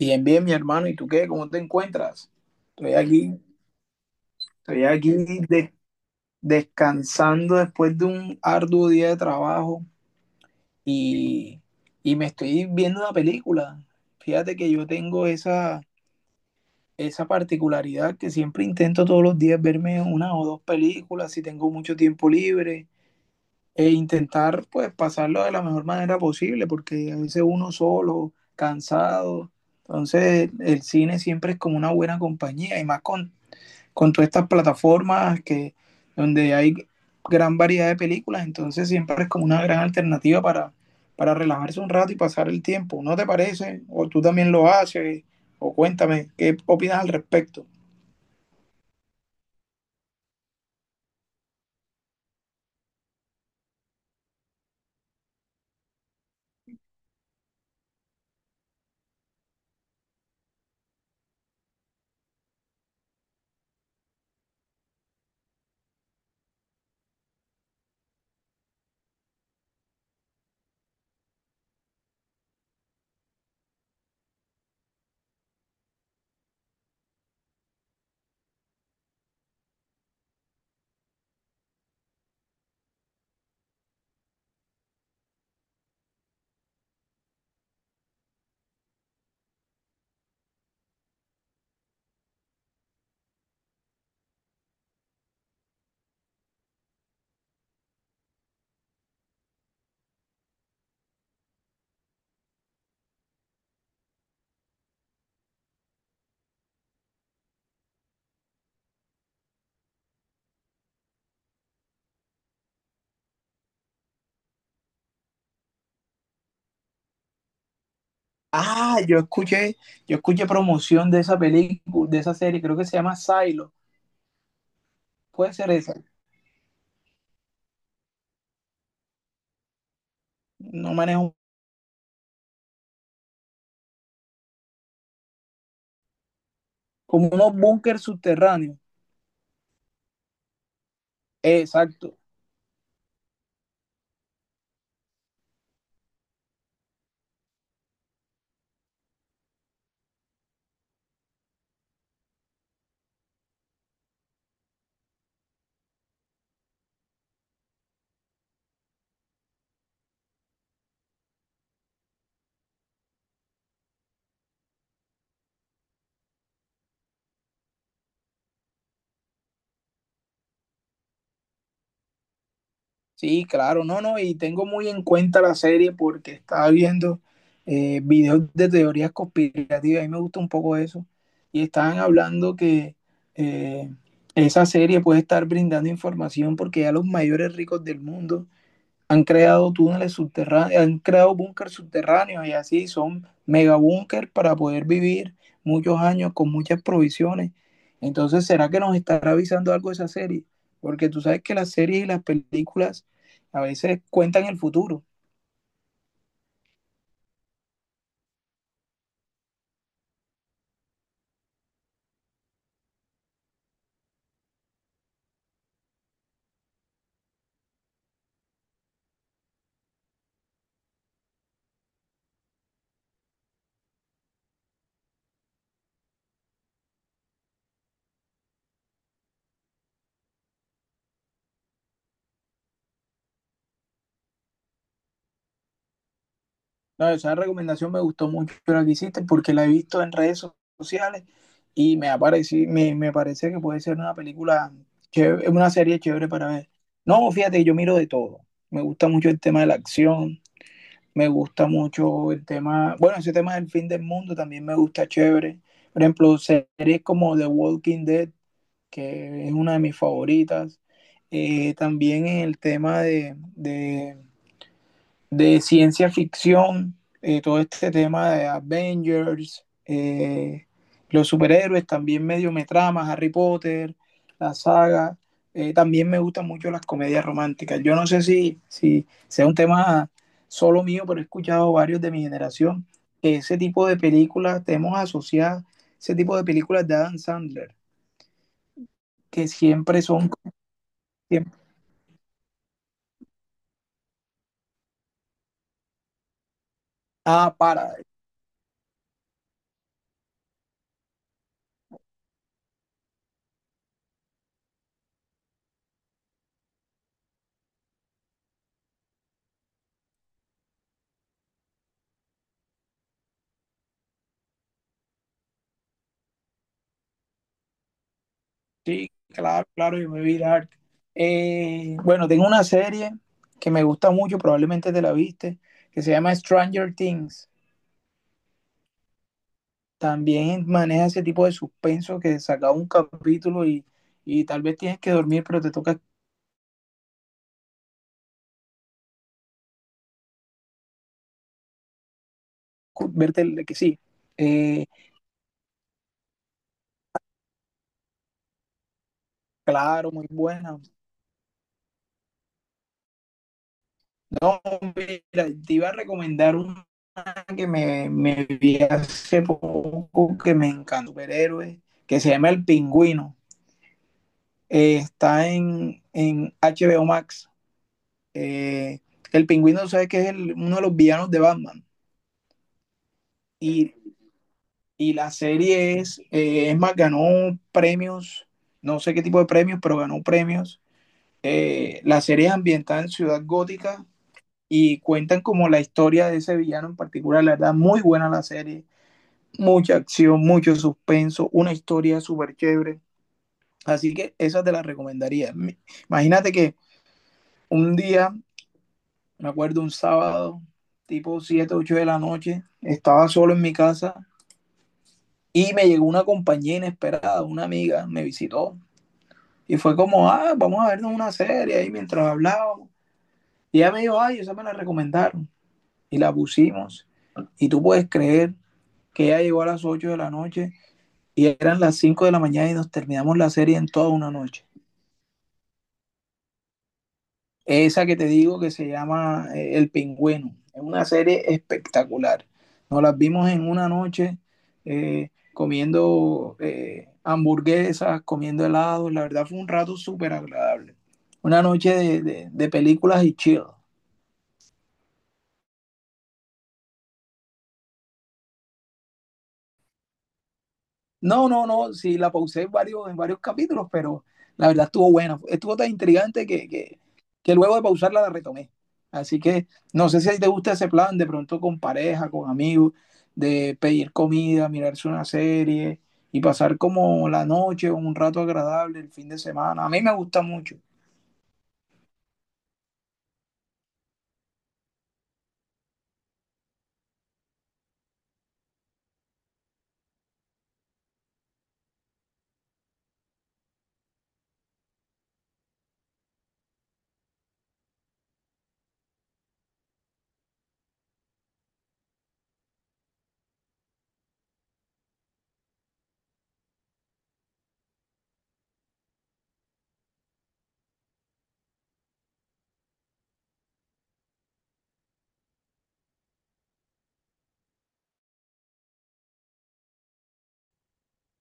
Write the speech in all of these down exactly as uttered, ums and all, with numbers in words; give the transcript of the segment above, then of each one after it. Bien, bien, mi hermano. ¿Y tú qué? ¿Cómo te encuentras? Estoy aquí, estoy aquí de- descansando después de un arduo día de trabajo y, y me estoy viendo una película. Fíjate que yo tengo esa, esa particularidad que siempre intento todos los días verme una o dos películas si tengo mucho tiempo libre e intentar pues pasarlo de la mejor manera posible porque a veces uno solo, cansado. Entonces, el cine siempre es como una buena compañía y más con con todas estas plataformas que, donde hay gran variedad de películas, entonces siempre es como una gran alternativa para, para relajarse un rato y pasar el tiempo. ¿No te parece? ¿O tú también lo haces? O cuéntame, ¿qué opinas al respecto? Ah, yo escuché, yo escuché promoción de esa película, de esa serie, creo que se llama Silo. Puede ser esa. No manejo como unos búnker subterráneos. Exacto. Sí, claro, no, no, y tengo muy en cuenta la serie porque estaba viendo eh, videos de teorías conspirativas, a mí me gusta un poco eso, y estaban hablando que eh, esa serie puede estar brindando información porque ya los mayores ricos del mundo han creado túneles subterráneos, han creado búnkers subterráneos y así son mega búnker para poder vivir muchos años con muchas provisiones. Entonces, ¿será que nos estará avisando algo de esa serie? Porque tú sabes que las series y las películas a veces cuentan el futuro. No, esa recomendación me gustó mucho la que hiciste porque la he visto en redes sociales y me, aparecí, me, me parece que puede ser una película, chévere, una serie chévere para ver. No, fíjate, yo miro de todo. Me gusta mucho el tema de la acción. Me gusta mucho el tema, bueno, ese tema del fin del mundo también me gusta chévere. Por ejemplo, series como The Walking Dead, que es una de mis favoritas. Eh, también el tema de, de de ciencia ficción, eh, todo este tema de Avengers, eh, los superhéroes, también medio me trama, Harry Potter, la saga. Eh, también me gustan mucho las comedias románticas. Yo no sé si, si sea un tema solo mío, pero he escuchado varios de mi generación que ese tipo de películas, tenemos asociadas ese tipo de películas de Adam Sandler, que siempre son... siempre- ah, para. Sí, claro, claro, yo me vi Dark. Eh, bueno, tengo una serie que me gusta mucho, probablemente te la viste, que se llama Stranger Things. También maneja ese tipo de suspenso que saca un capítulo y, y tal vez tienes que dormir, pero te toca cu- verte el que sí. Eh, claro, muy buena. No, mira, te iba a recomendar una que me, me vi hace poco que me encantó, superhéroe, que se llama El Pingüino. Eh, está en, en H B O Max. Eh, el pingüino, ¿sabes que es el- uno de los villanos de Batman? Y, y la serie es, eh, es más, ganó premios, no sé qué tipo de premios, pero ganó premios. Eh, la serie es ambientada en Ciudad Gótica y cuentan como la historia de ese villano en particular. La verdad, muy buena la serie. Mucha acción, mucho suspenso, una historia súper chévere. Así que esa te la recomendaría. Imagínate que un día me acuerdo un sábado, tipo siete ocho de la noche, estaba solo en mi casa y me llegó una compañía inesperada, una amiga, me visitó y fue como, ah, vamos a vernos una serie ahí mientras hablábamos. Y ella me dijo, ay, esa me la recomendaron y la pusimos. Y tú puedes creer que ella llegó a las ocho de la noche y eran las cinco de la mañana y nos terminamos la serie en toda una noche. Esa que te digo que se llama eh, El Pingüino. Es una serie espectacular. Nos las vimos en una noche eh, comiendo eh, hamburguesas, comiendo helados. La verdad fue un rato súper agradable. Una noche de, de- de películas y chill. No, no, no, sí, la pausé en varios, en varios capítulos, pero la verdad estuvo buena. Estuvo tan intrigante que, que, que luego de pausarla la retomé. Así que no sé si a ti te gusta ese plan, de pronto con pareja, con amigos, de pedir comida, mirarse una serie y pasar como la noche, un rato agradable, el fin de semana. A mí me gusta mucho.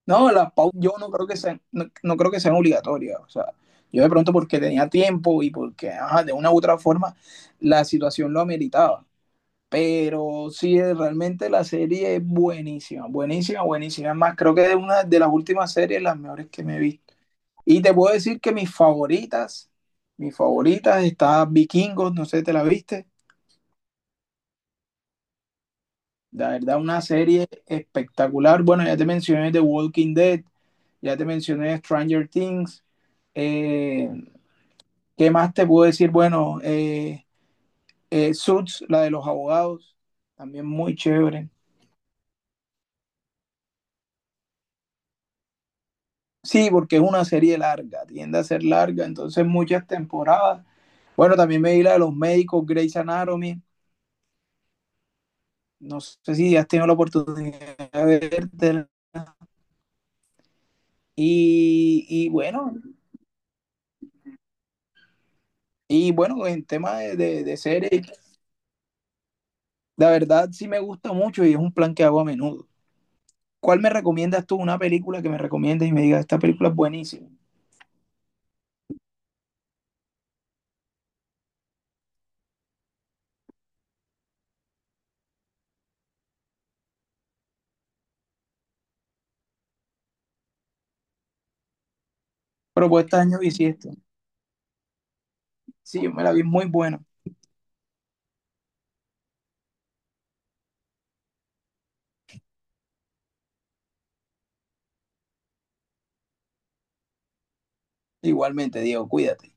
No, las pausas yo no creo que sean, no, no creo que sean obligatorias. O sea, yo de pronto porque tenía tiempo y porque ajá, de una u otra forma la situación lo ameritaba. Pero sí, eh, realmente la serie es buenísima, buenísima, buenísima. Es más, creo que es una de las últimas series, las mejores que me he visto. Y te puedo decir que mis favoritas, mis favoritas, está Vikingos, no sé, si ¿te la viste? La verdad, una serie espectacular. Bueno, ya te mencioné The Walking Dead, ya te mencioné Stranger Things. Eh, ¿qué más te puedo decir? Bueno, eh, eh, Suits, la de los abogados, también muy chévere. Sí, porque es una serie larga, tiende a ser larga, entonces muchas temporadas. Bueno, también me vi la de los médicos, Grey's Anatomy, no sé si has tenido la oportunidad de ver y, y, bueno, y bueno, en tema de, de, de series, la verdad sí me gusta mucho y es un plan que hago a menudo. ¿Cuál me recomiendas tú? Una película que me recomiendes y me digas, esta película es buenísima. Propuesta año bisiesto. Sí, yo me la vi muy buena. Igualmente, Diego, cuídate.